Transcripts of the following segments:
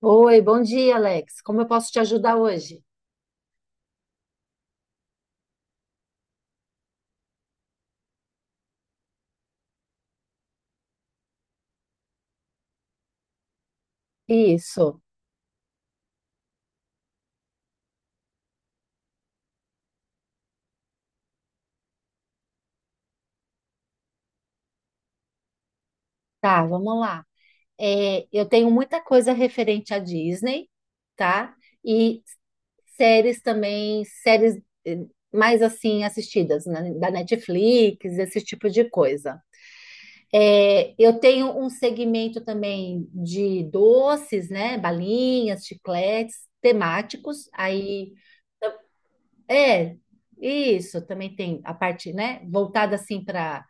Oi, bom dia, Alex. Como eu posso te ajudar hoje? Isso, tá, vamos lá. É, eu tenho muita coisa referente à Disney, tá? E séries também, séries eh, mais assim assistidas, né? Da Netflix, esse tipo de coisa. É, eu tenho um segmento também de doces, né? Balinhas, chicletes, temáticos. Aí, é, isso, também tem a parte, né? Voltada assim para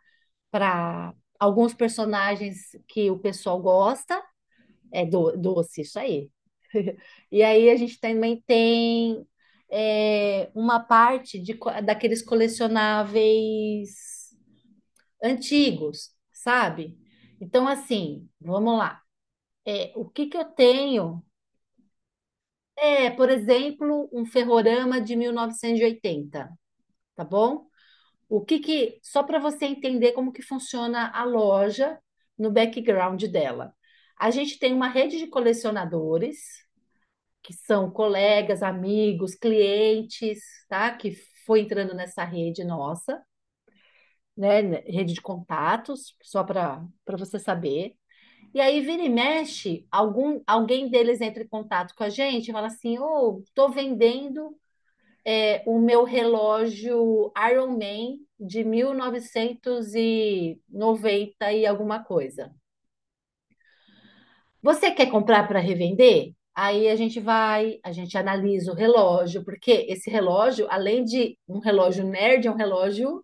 para alguns personagens que o pessoal gosta. É doce, isso aí. E aí a gente também tem uma parte daqueles colecionáveis antigos, sabe? Então, assim, vamos lá. É, o que que eu tenho? É, por exemplo, um ferrorama de 1980, tá bom? O que que, só para você entender como que funciona a loja no background dela. A gente tem uma rede de colecionadores, que são colegas, amigos, clientes, tá? Que foi entrando nessa rede nossa, né? Rede de contatos, só para você saber. E aí vira e mexe, alguém deles entra em contato com a gente e fala assim: "Ô, tô vendendo, o meu relógio Iron Man de 1990 e noventa e alguma coisa. Você quer comprar para revender? Aí a gente analisa o relógio, porque esse relógio, além de um relógio nerd, é um relógio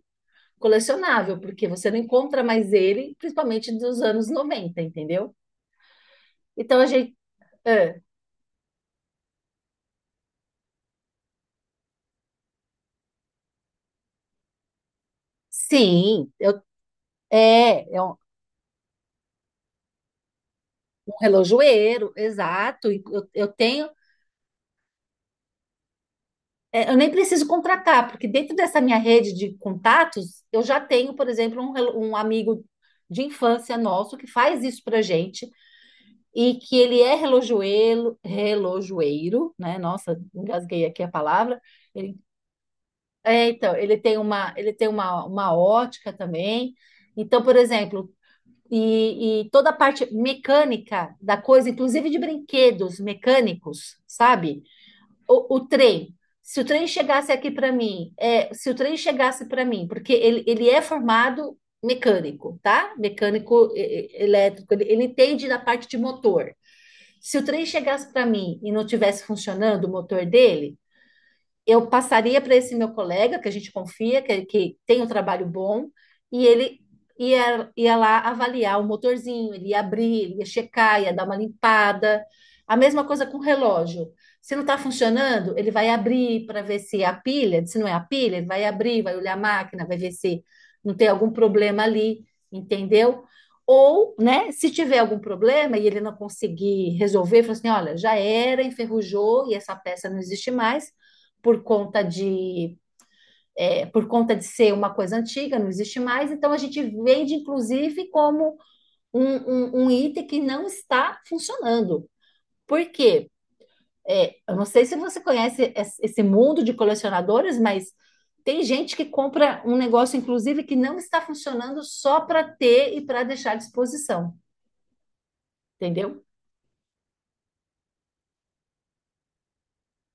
colecionável, porque você não encontra mais ele, principalmente dos anos 90, entendeu? Então a gente. ah, sim, é um, um relojoeiro, exato. E eu tenho. É, eu nem preciso contratar, porque dentro dessa minha rede de contatos, eu já tenho, por exemplo, um amigo de infância nosso que faz isso pra gente e que ele é relojoeiro, relojoeiro, né? Nossa, engasguei aqui a palavra. Ele, então, ele tem uma ótica também. Então, por exemplo, e toda a parte mecânica da coisa, inclusive de brinquedos mecânicos, sabe? O trem. Se o trem chegasse aqui para mim, se o trem chegasse para mim, porque ele é formado mecânico, tá? Mecânico elétrico, ele entende da parte de motor. Se o trem chegasse para mim e não tivesse funcionando o motor dele, eu passaria para esse meu colega, que a gente confia, que tem um trabalho bom, e ele ia lá avaliar o motorzinho, ele ia abrir, ele ia checar, ia dar uma limpada. A mesma coisa com o relógio. Se não está funcionando, ele vai abrir para ver se é a pilha, se não é a pilha, ele vai abrir, vai olhar a máquina, vai ver se não tem algum problema ali, entendeu? Ou, né, se tiver algum problema e ele não conseguir resolver, fala assim: olha, já era, enferrujou e essa peça não existe mais, por conta de por conta de ser uma coisa antiga, não existe mais, então a gente vende, inclusive, como um item que não está funcionando. Por quê? É, eu não sei se você conhece esse mundo de colecionadores, mas tem gente que compra um negócio, inclusive, que não está funcionando só para ter e para deixar à disposição, entendeu?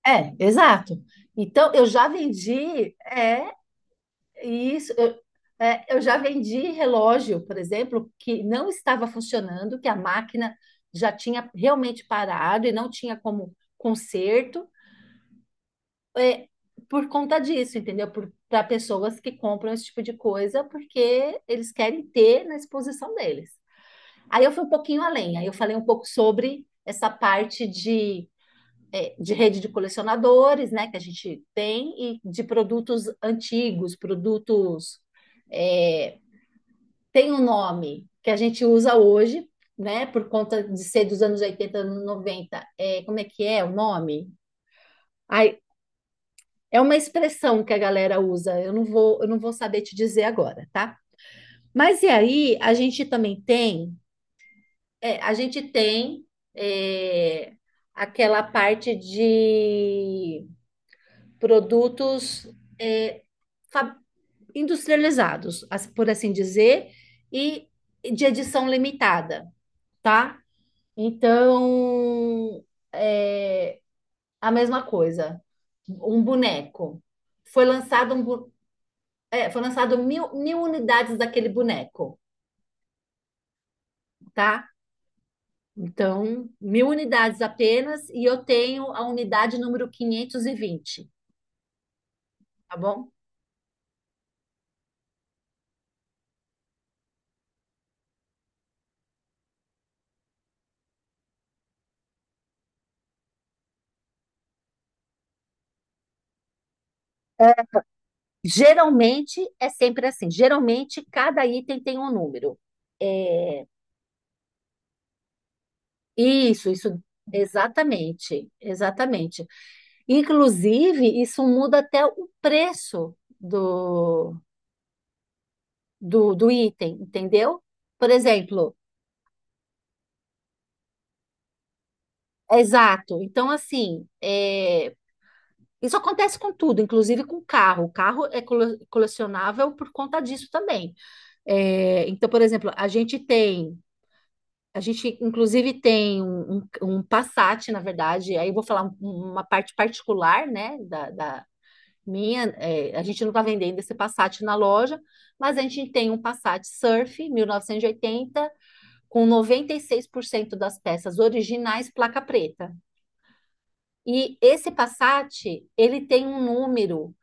É, exato. Então, eu já vendi. Isso, eu já vendi relógio, por exemplo, que não estava funcionando, que a máquina já tinha realmente parado e não tinha como conserto, é, por conta disso, entendeu? Para pessoas que compram esse tipo de coisa, porque eles querem ter na exposição deles. Aí eu fui um pouquinho além, aí eu falei um pouco sobre essa parte de rede de colecionadores, né, que a gente tem, e de produtos antigos, produtos, é, tem um nome que a gente usa hoje, né? Por conta de ser dos anos 80 noventa. Como é que é o nome? Ai, é uma expressão que a galera usa. Eu não vou saber te dizer agora, tá? Mas e aí, a gente tem é, aquela parte de produtos é, fa- industrializados, por assim dizer, e de edição limitada, tá? Então, é a mesma coisa. Um boneco. Foi lançado, foi lançado mil unidades daquele boneco, tá? Então, mil unidades apenas, e eu tenho a unidade número 520, tá bom? Geralmente é sempre assim. Geralmente, cada item tem um número. É, isso, isso, exatamente, exatamente. Inclusive, isso muda até o preço do item, entendeu? Por exemplo, exato. Então, assim, isso acontece com tudo, inclusive com carro. O carro é colecionável por conta disso também. É, então, por exemplo, a gente tem. A gente, inclusive, tem um Passat, na verdade, aí eu vou falar uma parte particular, né, a gente não está vendendo esse Passat na loja, mas a gente tem um Passat Surf 1980 com 96% das peças originais placa preta. E esse Passat, ele tem um número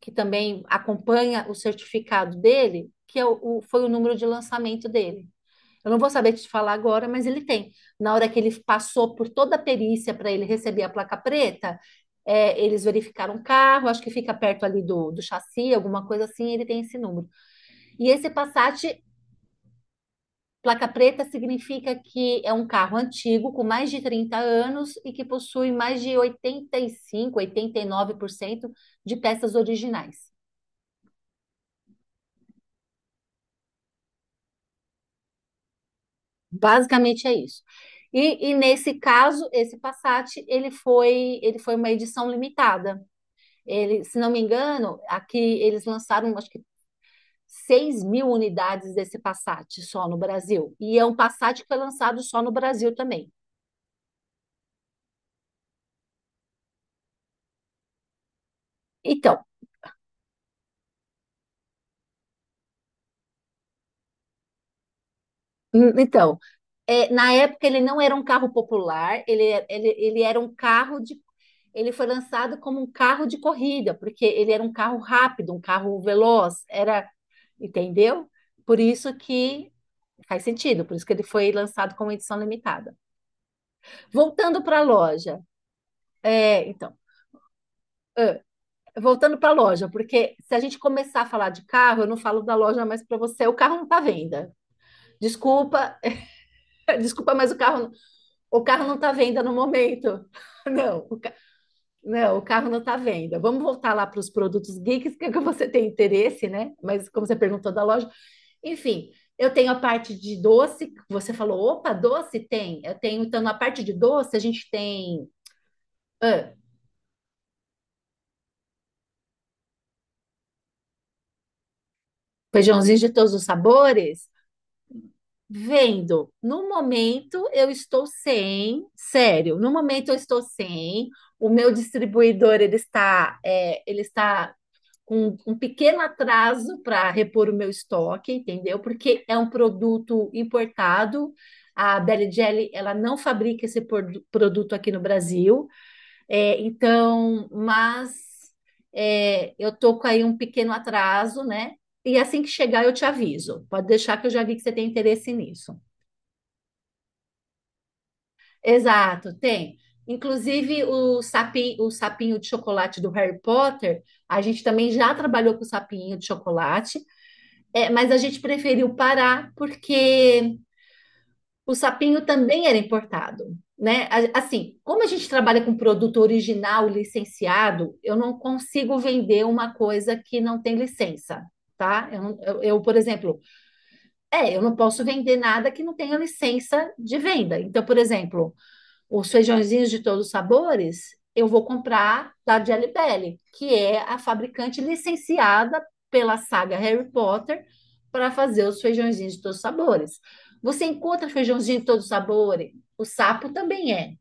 que também acompanha o certificado dele, que foi o número de lançamento dele. Eu não vou saber te falar agora, mas ele tem. Na hora que ele passou por toda a perícia para ele receber a placa preta, eles verificaram o carro, acho que fica perto ali do chassi, alguma coisa assim, ele tem esse número. E esse Passat, placa preta, significa que é um carro antigo, com mais de 30 anos e que possui mais de 89% de peças originais. Basicamente é isso. E, nesse caso, esse Passat, ele foi uma edição limitada. Ele, se não me engano, aqui eles lançaram, acho que 6 mil unidades desse Passat só no Brasil. E é um Passat que foi lançado só no Brasil também. Então, hum, então na época ele não era um carro popular, ele era um carro de. Ele foi lançado como um carro de corrida, porque ele era um carro rápido, um carro veloz, era, entendeu? Por isso que faz sentido, por isso que ele foi lançado como edição limitada. Voltando para a loja, é, então. voltando para a loja, porque se a gente começar a falar de carro, eu não falo da loja mais para você, o carro não está à venda. Desculpa, desculpa, mas o carro não está à venda no momento. Não, o carro não está à venda. Vamos voltar lá para os produtos geeks, que é que você tem interesse, né? Mas como você perguntou da loja, enfim. Eu tenho a parte de doce, você falou, opa, doce tem. Eu tenho, então, na parte de doce, a gente tem ah, feijãozinho de todos os sabores, vendo, no momento eu estou sem, sério, no momento eu estou sem, o meu distribuidor ele está com um pequeno atraso para repor o meu estoque, entendeu? Porque é um produto importado, a Belly Jelly, ela não fabrica esse produto aqui no Brasil, então, mas eu tô com aí um pequeno atraso, né? E assim que chegar eu te aviso, pode deixar que eu já vi que você tem interesse nisso. Exato, tem. Inclusive o sapinho de chocolate do Harry Potter, a gente também já trabalhou com o sapinho de chocolate, mas a gente preferiu parar porque o sapinho também era importado, né? Assim, como a gente trabalha com produto original licenciado, eu não consigo vender uma coisa que não tem licença, tá? Eu, não- eu, por exemplo, é, eu não posso vender nada que não tenha licença de venda. Então, por exemplo, os feijõezinhos de todos os sabores, eu vou comprar da Jelly que é a fabricante licenciada pela saga Harry Potter para fazer os feijãozinhos de todos os sabores. Você encontra feijãozinho de todos os sabores? O sapo também é.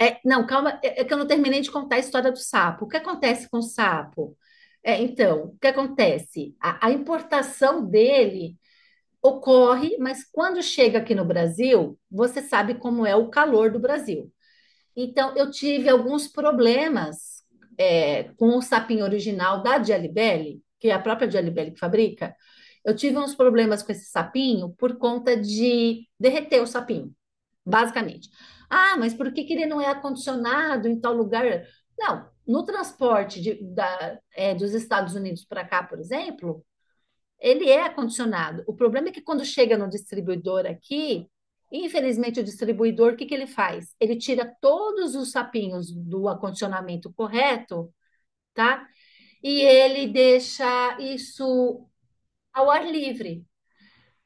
É, não, calma, é que eu não terminei de contar a história do sapo. O que acontece com o sapo? É, então, o que acontece? A importação dele ocorre, mas quando chega aqui no Brasil, você sabe como é o calor do Brasil. Então, eu tive alguns problemas com o sapinho original da Gialibelli, que é a própria Gialibelli que fabrica. Eu tive uns problemas com esse sapinho por conta de derreter o sapinho, basicamente. Ah, mas por que que ele não é acondicionado em tal lugar? Não, no transporte dos Estados Unidos para cá, por exemplo, ele é acondicionado. O problema é que quando chega no distribuidor aqui, infelizmente o distribuidor, o que que ele faz? Ele tira todos os sapinhos do acondicionamento correto, tá? E ele deixa isso ao ar livre.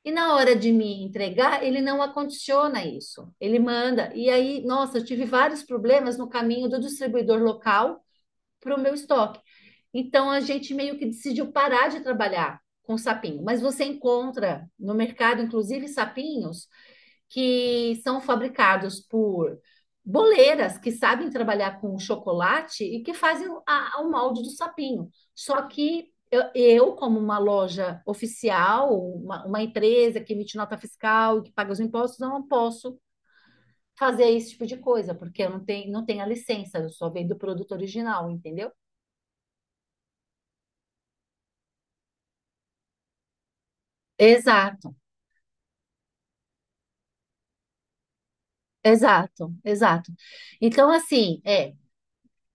E na hora de me entregar, ele não acondiciona isso. Ele manda. E aí, nossa, eu tive vários problemas no caminho do distribuidor local para o meu estoque. Então a gente meio que decidiu parar de trabalhar com sapinho, mas você encontra no mercado, inclusive, sapinhos que são fabricados por boleiras que sabem trabalhar com chocolate e que fazem o molde do sapinho. Só que eu, como uma loja oficial, uma empresa que emite nota fiscal e que paga os impostos, eu não posso fazer esse tipo de coisa, porque eu não tenho, não tenho a licença, eu só vendo o produto original, entendeu? Exato, exato, exato. Então, assim, é.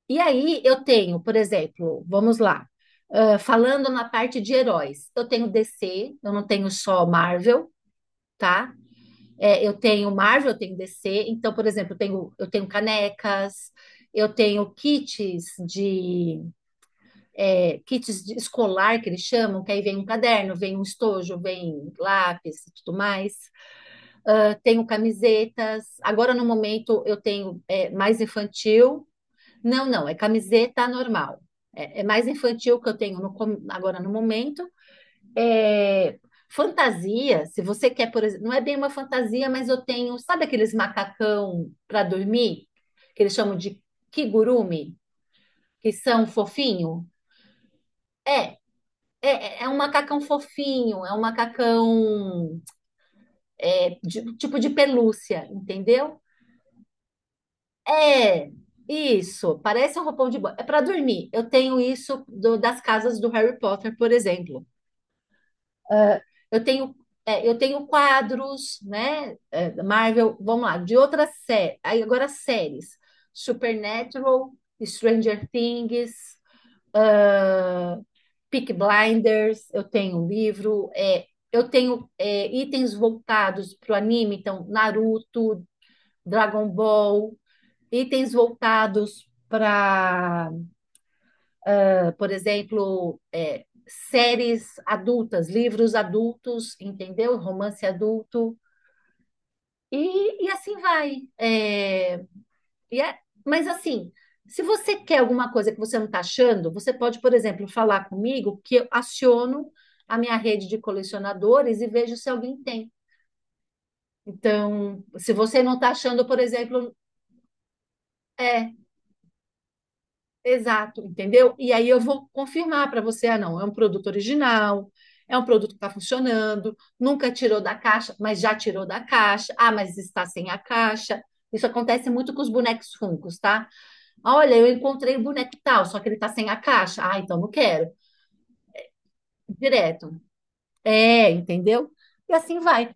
E aí eu tenho, por exemplo, vamos lá, falando na parte de heróis, eu tenho DC, eu não tenho só Marvel, tá? É, eu tenho Marvel, eu tenho DC, então, por exemplo, eu tenho canecas, eu tenho kits de, kits de escolar que eles chamam, que aí vem um caderno, vem um estojo, vem lápis e tudo mais. Tenho camisetas. Agora, no momento, eu tenho mais infantil. Não, não, é camiseta normal. É, é mais infantil que eu tenho agora no momento. É, fantasia, se você quer, por exemplo, não é bem uma fantasia, mas eu tenho, sabe aqueles macacão para dormir, que eles chamam de kigurumi, que são fofinho? É, é, é é um macacão fofinho, é um macacão tipo de pelúcia, entendeu? É, isso, parece um roupão de banho. É para dormir. Eu tenho isso das casas do Harry Potter, por exemplo. Eu tenho, eu tenho quadros, né? Da Marvel, vamos lá, de outras séries. Aí agora séries: Supernatural, Stranger Things, Peaky Blinders. Eu tenho livro. Eu tenho itens voltados para o anime, então Naruto, Dragon Ball, itens voltados para, por exemplo, séries adultas, livros adultos, entendeu? Romance adulto, e assim vai. E é- mas assim, se você quer alguma coisa que você não está achando, você pode, por exemplo, falar comigo que eu aciono a minha rede de colecionadores e vejo se alguém tem. Então, se você não está achando, por exemplo, é. Exato, entendeu? E aí eu vou confirmar para você, ah, não, é um produto original, é um produto que está funcionando, nunca tirou da caixa, mas já tirou da caixa, ah, mas está sem a caixa. Isso acontece muito com os bonecos Funkos, tá? Ah, olha, eu encontrei o boneco tal, só que ele está sem a caixa. Ah, então não quero. Direto. É, entendeu? E assim vai.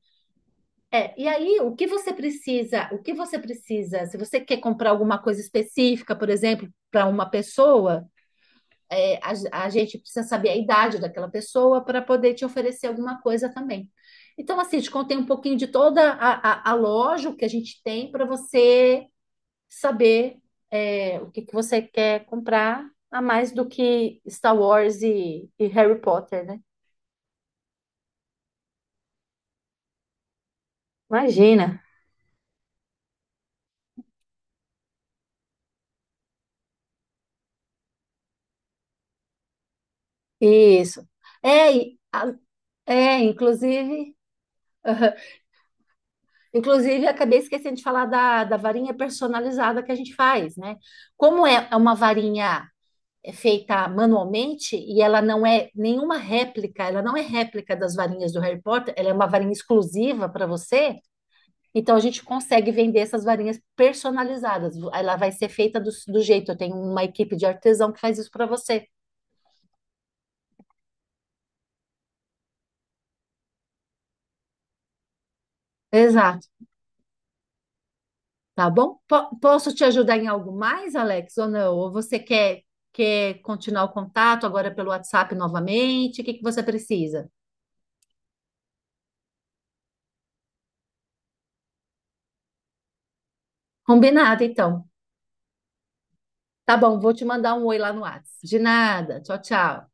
É, e aí, o que você precisa, se você quer comprar alguma coisa específica, por exemplo, para uma pessoa, é, a gente precisa saber a idade daquela pessoa para poder te oferecer alguma coisa também. Então, assim, te contei um pouquinho de toda a loja, o que a gente tem para você saber o que, que você quer comprar, a mais do que Star Wars e Harry Potter, né? Imagina. Isso. É, e a- é, inclusive, Inclusive acabei esquecendo de falar da varinha personalizada que a gente faz, né? Como é é uma varinha é feita manualmente e ela não é nenhuma réplica, ela não é réplica das varinhas do Harry Potter, ela é uma varinha exclusiva para você. Então a gente consegue vender essas varinhas personalizadas. Ela vai ser feita do jeito. Eu tenho uma equipe de artesão que faz isso para você. Exato, tá bom? Posso te ajudar em algo mais, Alex, ou não? Ou você quer, quer continuar o contato agora pelo WhatsApp novamente? O que que você precisa? Combinado, então. Tá bom, vou te mandar um oi lá no WhatsApp. De nada. Tchau, tchau.